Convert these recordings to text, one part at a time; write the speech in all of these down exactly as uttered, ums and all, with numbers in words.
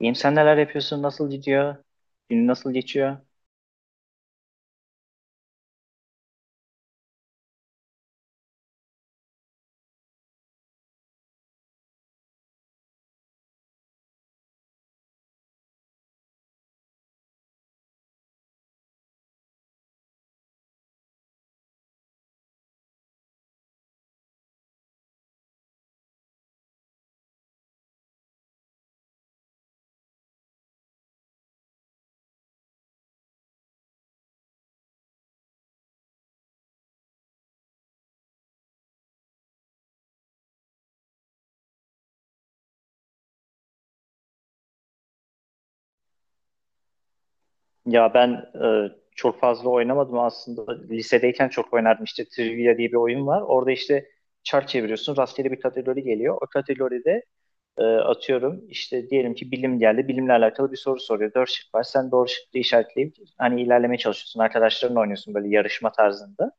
İyiyim, sen neler yapıyorsun? Nasıl gidiyor? Günün nasıl geçiyor? Ya ben e, çok fazla oynamadım aslında. Lisedeyken çok oynardım. İşte Trivia diye bir oyun var. Orada işte çark çeviriyorsun. Rastgele bir kategori geliyor. O kategoride E, atıyorum işte diyelim ki bilim geldi. Bilimle alakalı bir soru soruyor. Dört şık var. Sen doğru şıkkı işaretleyip hani ilerlemeye çalışıyorsun. Arkadaşlarınla oynuyorsun böyle yarışma tarzında.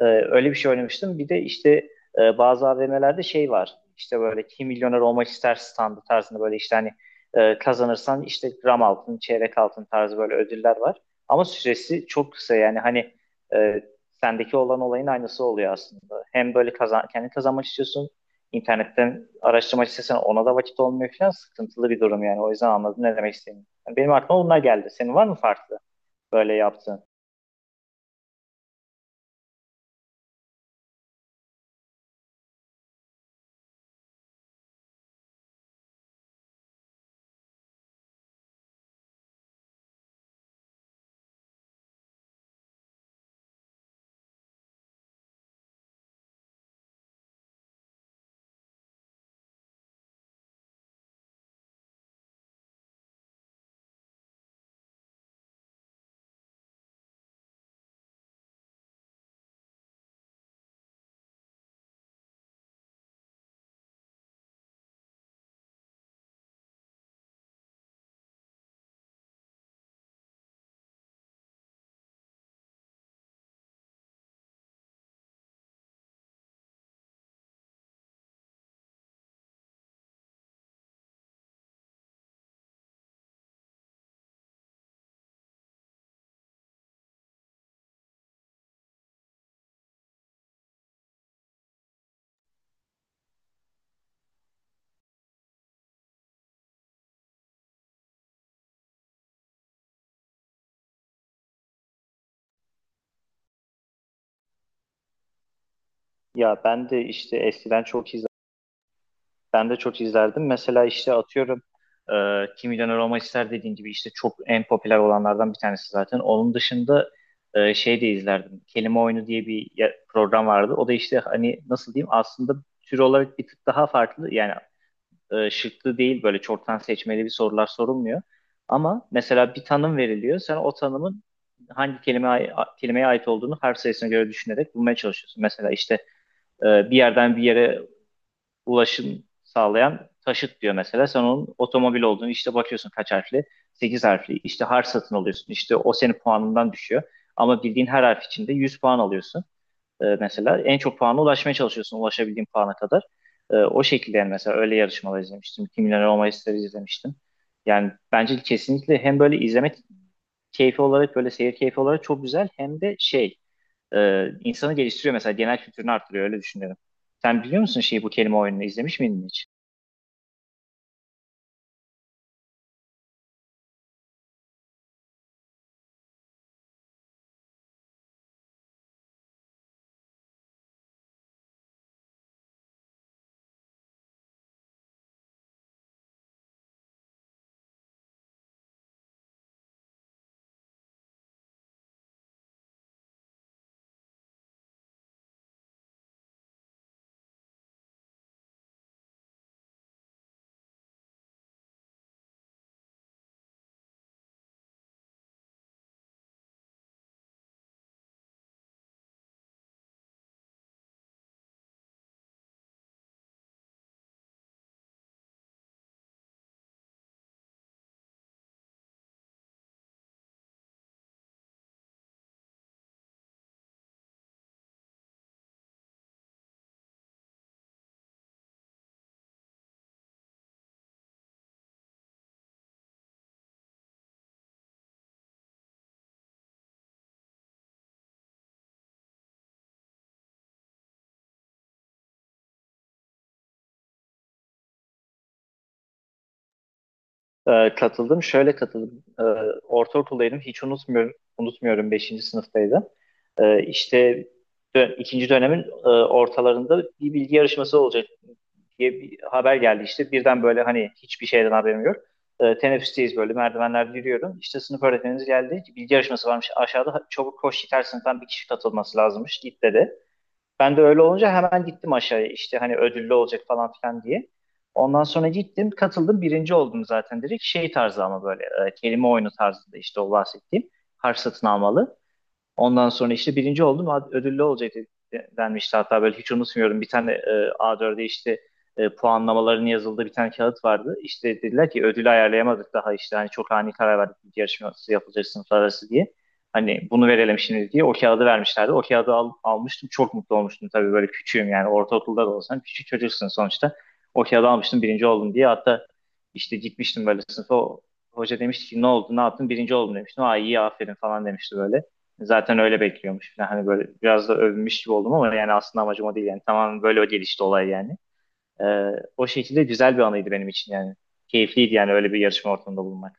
E, öyle bir şey oynamıştım. Bir de işte e, bazı A V M'lerde şey var. İşte böyle kim milyoner olmak ister standı tarzında böyle işte hani e, kazanırsan işte gram altın, çeyrek altın tarzı böyle ödüller var. Ama süresi çok kısa, yani hani e, sendeki olan olayın aynısı oluyor aslında. Hem böyle kazan, kendi kazanmak istiyorsun, internetten araştırma sitesine ona da vakit olmuyor falan, sıkıntılı bir durum yani. O yüzden anladım ne demek istediğini. Yani benim aklıma bunlar geldi. Senin var mı farklı böyle yaptığın? Ya ben de işte eskiden çok izlerdim. Ben de çok izlerdim. Mesela işte atıyorum e, Kim Milyoner Olmak İster dediğin gibi işte çok en popüler olanlardan bir tanesi zaten. Onun dışında e, şey de izlerdim. Kelime Oyunu diye bir ya- program vardı. O da işte hani nasıl diyeyim, aslında tür olarak bir tık daha farklı. Yani e, şıklı değil, böyle çoktan seçmeli bir sorular sorulmuyor. Ama mesela bir tanım veriliyor. Sen o tanımın hangi kelime kelimeye ait olduğunu harf sayısına göre düşünerek bulmaya çalışıyorsun. Mesela işte e, bir yerden bir yere ulaşım sağlayan taşıt diyor mesela. Sen onun otomobil olduğunu işte bakıyorsun, kaç harfli? Sekiz harfli. İşte harf satın alıyorsun. İşte o senin puanından düşüyor. Ama bildiğin her harf içinde yüz puan alıyorsun e, mesela en çok puana ulaşmaya çalışıyorsun, ulaşabildiğin puana kadar. E, o şekilde yani, mesela öyle yarışmalar izlemiştim. Kim Milyoner Olma İster'i izlemiştim. Yani bence kesinlikle hem böyle izleme keyfi olarak, böyle seyir keyfi olarak çok güzel, hem de şey e, insanı geliştiriyor, mesela genel kültürünü arttırıyor, öyle düşünüyorum. Sen biliyor musun şeyi, bu kelime oyununu izlemiş miydin hiç? Ee, katıldım. Şöyle katıldım. Ee, ortaokuldaydım. Hiç unutmuyorum. Unutmuyorum. Beşinci sınıftaydım. Ee, işte dö- ikinci dönemin e, ortalarında bir bilgi yarışması olacak diye bir haber geldi işte. Birden böyle hani hiçbir şeyden haberim yok. Ee, teneffüsteyiz, böyle merdivenlerde yürüyorum. İşte sınıf öğretmenimiz geldi. Bilgi yarışması varmış aşağıda. Çabuk koş yeter, sınıftan bir kişi katılması lazımmış. Git dedi. Ben de öyle olunca hemen gittim aşağıya işte hani ödüllü olacak falan filan diye. Ondan sonra gittim, katıldım, birinci oldum zaten direkt şey tarzı ama böyle e, kelime oyunu tarzında, işte o bahsettiğim harf satın almalı. Ondan sonra işte birinci oldum, ad- ödüllü olacak de- denmişti hatta, böyle hiç unutmuyorum, bir tane e, A dörde işte e, puanlamaların yazıldığı bir tane kağıt vardı. İşte dediler ki ödülü ayarlayamadık daha, işte hani çok ani karar verdik bir yarışması yapılacak sınıflar arası diye. Hani bunu verelim şimdi diye o kağıdı vermişlerdi. O kağıdı al- almıştım, çok mutlu olmuştum tabii, böyle küçüğüm yani, ortaokulda da olsam küçük çocuksun sonuçta. O kağıdı almıştım birinci oldum diye, hatta işte gitmiştim böyle sınıfa, O- hoca demişti ki ne oldu ne yaptın, birinci oldum demiştim. Aa iyi aferin falan demişti böyle. Zaten öyle bekliyormuş falan. Hani böyle biraz da övünmüş gibi oldum ama yani aslında amacım o değil yani. Tamam, böyle o gelişti olay yani. Ee, O şekilde güzel bir anıydı benim için yani. Keyifliydi yani öyle bir yarışma ortamında bulunmak.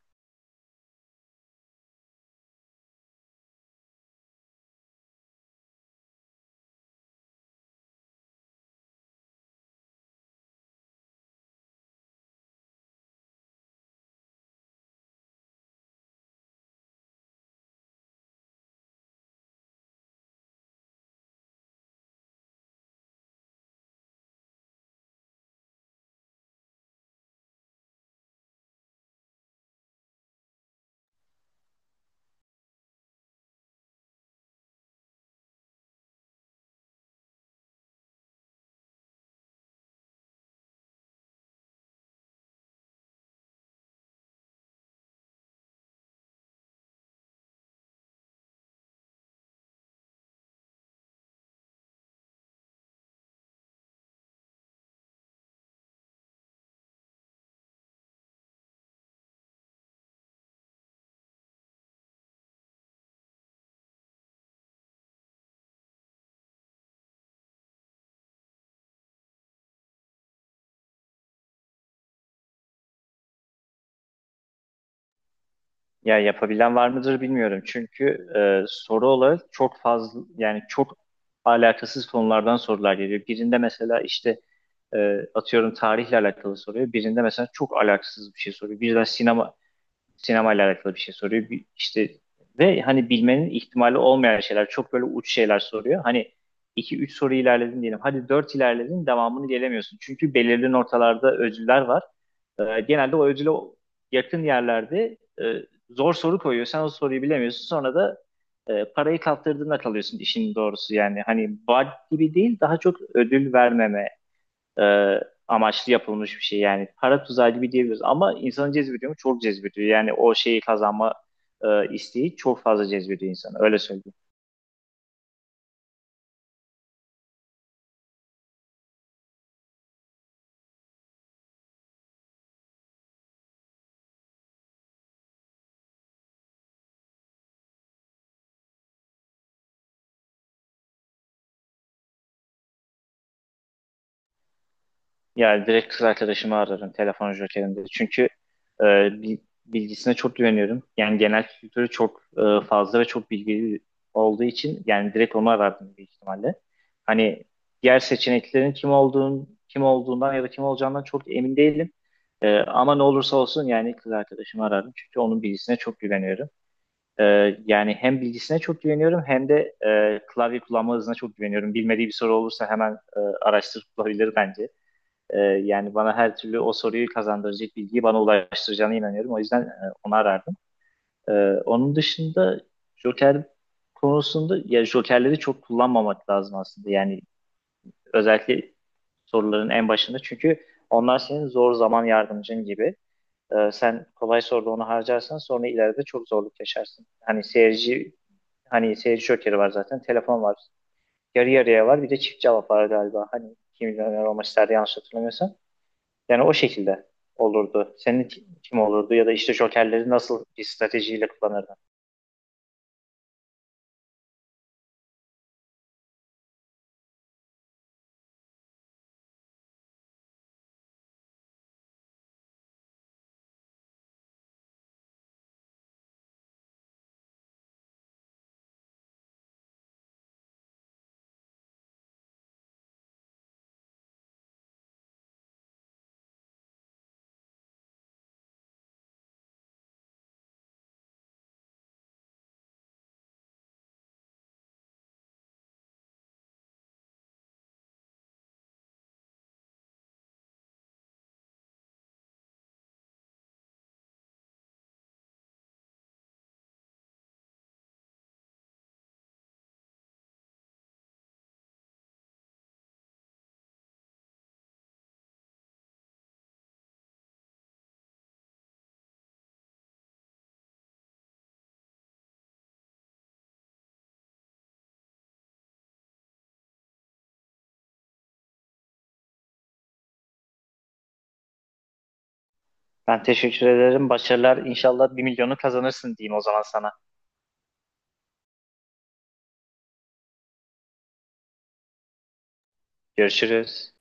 Ya yapabilen var mıdır bilmiyorum. Çünkü e, soru olarak çok fazla yani, çok alakasız konulardan sorular geliyor. Birinde mesela işte e, atıyorum tarihle alakalı soruyor. Birinde mesela çok alakasız bir şey soruyor. Birden sinema sinemayla alakalı bir şey soruyor. Bir- işte ve hani bilmenin ihtimali olmayan şeyler, çok böyle uç şeyler soruyor. Hani iki üç soru ilerledin diyelim. Hadi dört ilerledin, devamını gelemiyorsun. Çünkü belirli noktalarda ödüller var. Ee, genelde o ödüle yakın yerlerde e, zor soru koyuyor. Sen o soruyu bilemiyorsun. Sonra da e, parayı kaptırdığında kalıyorsun işin doğrusu. Yani hani vaat gibi değil, daha çok ödül vermeme e, amaçlı yapılmış bir şey. Yani para tuzağı gibi diyebiliriz. Ama insanı cezbediyor mu? Çok cezbediyor. Yani o şeyi kazanma e, isteği çok fazla cezbediyor insanı. Öyle söyleyeyim. Yani direkt kız arkadaşımı ararım telefon jokerinde. Çünkü e, bi- bilgisine çok güveniyorum. Yani genel kültürü çok e, fazla ve çok bilgili olduğu için yani direkt onu arardım büyük ihtimalle. Hani diğer seçeneklerin kim olduğunu, kim olduğundan ya da kim olacağından çok emin değilim. E, ama ne olursa olsun yani kız arkadaşımı ararım. Çünkü onun bilgisine çok güveniyorum. E, Yani hem bilgisine çok güveniyorum, hem de e, klavye kullanma hızına çok güveniyorum. Bilmediği bir soru olursa hemen e, araştırıp bulabilir bence. Ee, yani bana her türlü o soruyu kazandıracak bilgiyi bana ulaştıracağına inanıyorum. O yüzden e, onu arardım. Ee, Onun dışında Joker konusunda, ya Jokerleri çok kullanmamak lazım aslında. Yani özellikle soruların en başında, çünkü onlar senin zor zaman yardımcın gibi. Ee, sen kolay soruda onu harcarsan sonra ileride çok zorluk yaşarsın. Hani seyirci hani seyirci Joker'i var zaten, telefon var. Yarı yarıya var. Bir de çift cevap var galiba. Hani kim milyoner olmak isterdi yanlış hatırlamıyorsam. Yani o şekilde olurdu. Senin kim olurdu ya da işte jokerleri nasıl bir stratejiyle kullanırdın? Ben teşekkür ederim. Başarılar. İnşallah bir milyonu kazanırsın diyeyim o zaman sana. Görüşürüz.